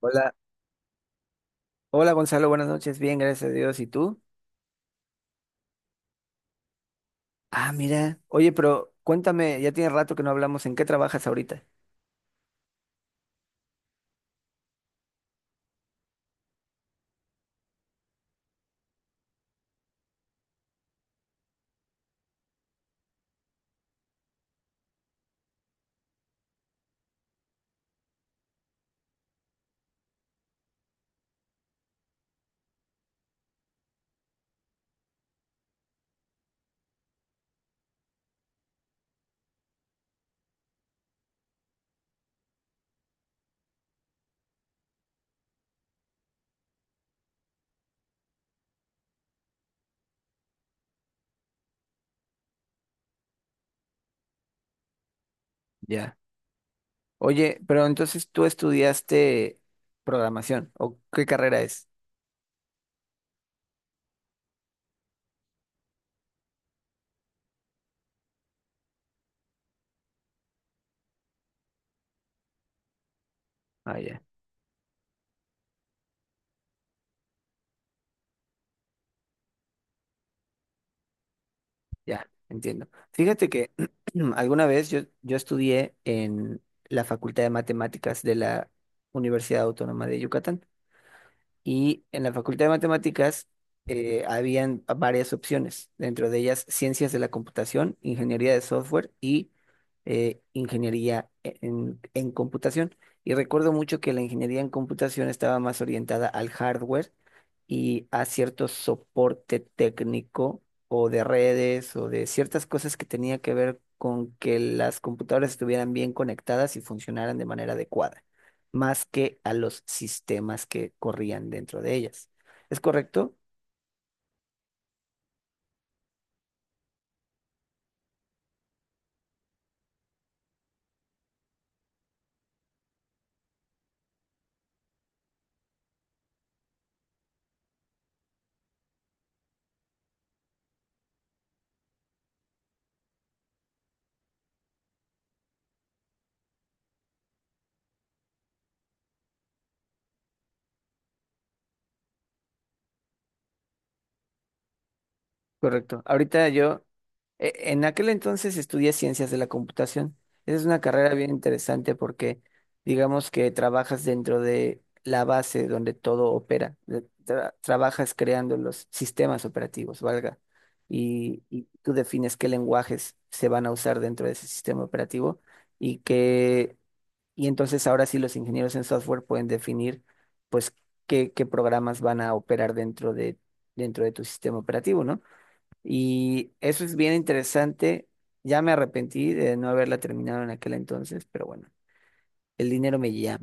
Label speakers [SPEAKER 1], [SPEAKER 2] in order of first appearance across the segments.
[SPEAKER 1] Hola, hola Gonzalo, buenas noches, bien, gracias a Dios. ¿Y tú? Ah, mira. Oye, pero cuéntame, ya tiene rato que no hablamos, ¿en qué trabajas ahorita? Ya. Oye, pero entonces tú estudiaste programación, ¿o qué carrera es? Ah, ya, ya, entiendo. Fíjate que alguna vez yo estudié en la Facultad de Matemáticas de la Universidad Autónoma de Yucatán. Y en la Facultad de Matemáticas habían varias opciones, dentro de ellas ciencias de la computación, ingeniería de software y en computación. Y recuerdo mucho que la ingeniería en computación estaba más orientada al hardware y a cierto soporte técnico o de redes o de ciertas cosas que tenía que ver con que las computadoras estuvieran bien conectadas y funcionaran de manera adecuada más que a los sistemas que corrían dentro de ellas. ¿Es correcto? Correcto. En aquel entonces estudié ciencias de la computación. Esa es una carrera bien interesante porque digamos que trabajas dentro de la base donde todo opera. Trabajas creando los sistemas operativos, valga. Y tú defines qué lenguajes se van a usar dentro de ese sistema operativo y qué. Y entonces ahora sí los ingenieros en software pueden definir pues qué, qué programas van a operar dentro de tu sistema operativo, ¿no? Y eso es bien interesante. Ya me arrepentí de no haberla terminado en aquel entonces, pero bueno, el dinero me guía.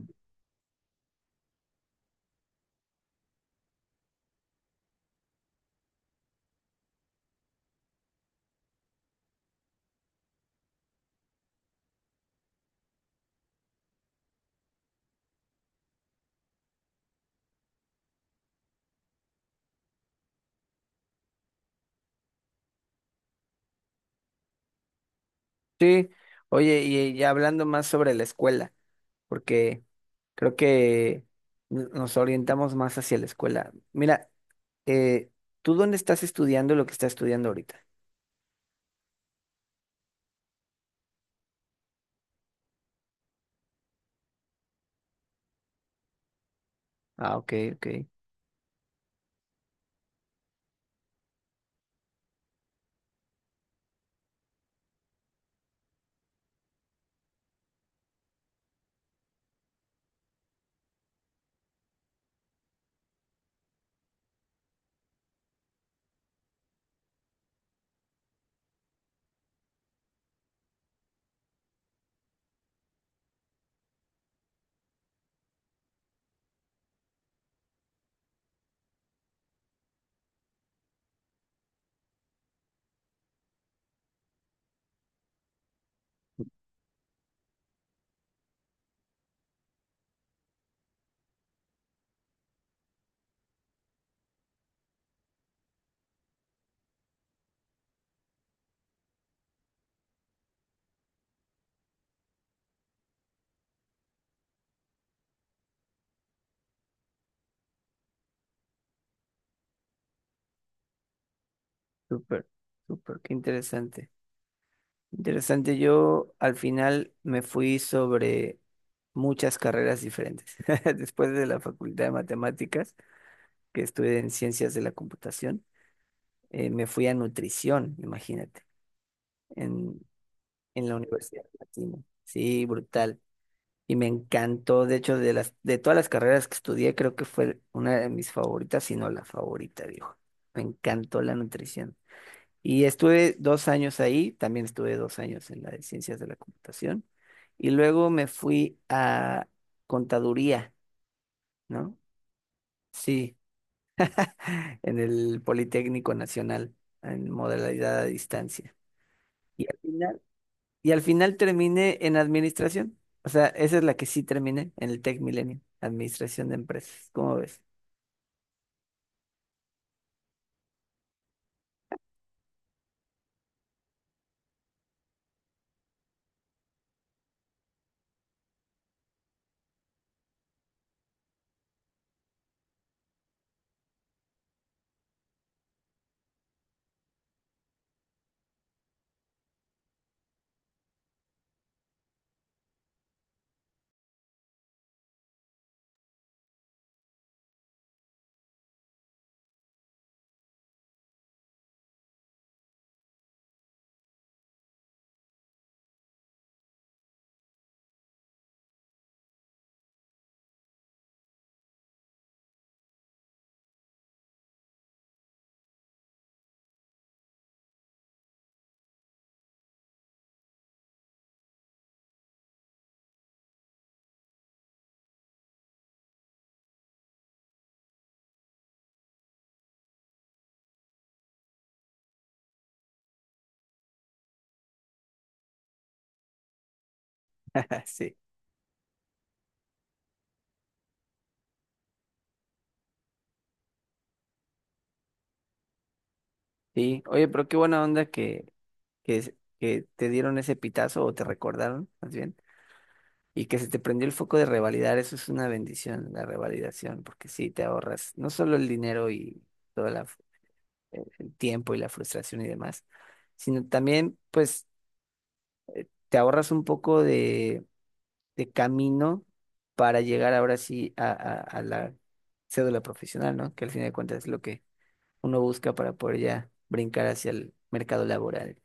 [SPEAKER 1] Sí, oye, y ya hablando más sobre la escuela, porque creo que nos orientamos más hacia la escuela. Mira, eh, ¿tú dónde estás estudiando lo que estás estudiando ahorita? Ah, ok, ok. Súper, súper, qué interesante. Interesante, yo al final me fui sobre muchas carreras diferentes. Después de la Facultad de Matemáticas, que estudié en Ciencias de la Computación, me fui a nutrición, imagínate, en, en la Universidad Latina. Sí, brutal. Y me encantó, de hecho, de todas las carreras que estudié, creo que fue una de mis favoritas, si no la favorita, dijo. Me encantó la nutrición. Y estuve 2 años ahí, también estuve 2 años en la de ciencias de la computación. Y luego me fui a contaduría, ¿no? Sí, en el Politécnico Nacional, en modalidad a distancia. Y al final, y al final terminé en administración. O sea, esa es la que sí terminé en el Tech Milenio, administración de empresas. ¿Cómo ves? Sí. Sí. Oye, pero qué buena onda que te dieron ese pitazo o te recordaron, más bien. Y que se te prendió el foco de revalidar, eso es una bendición, la revalidación, porque sí, te ahorras no solo el dinero y todo la f- el tiempo y la frustración y demás, sino también, pues, te ahorras un poco de camino para llegar ahora sí a la cédula profesional, ¿no? Que al fin de cuentas es lo que uno busca para poder ya brincar hacia el mercado laboral.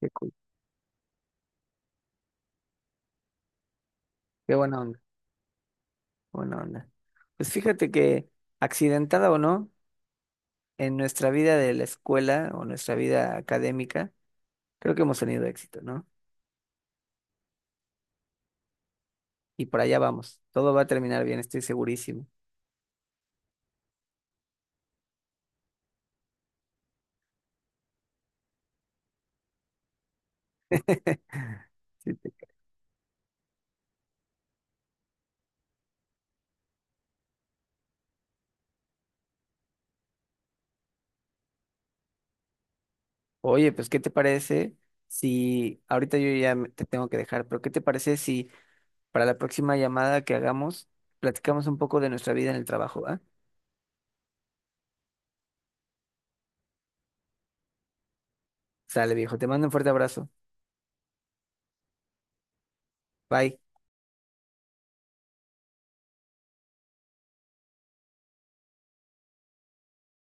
[SPEAKER 1] Qué cool. Qué buena onda, buena onda. Pues fíjate que, accidentada o no, en nuestra vida de la escuela o nuestra vida académica, creo que hemos tenido éxito, ¿no? Y por allá vamos. Todo va a terminar bien, estoy segurísimo. Sí, oye, pues, ¿qué te parece si ahorita yo te tengo que dejar? Pero ¿qué te parece si para la próxima llamada que hagamos platicamos un poco de nuestra vida en el trabajo, va? Sale, viejo, te mando un fuerte abrazo. Bye.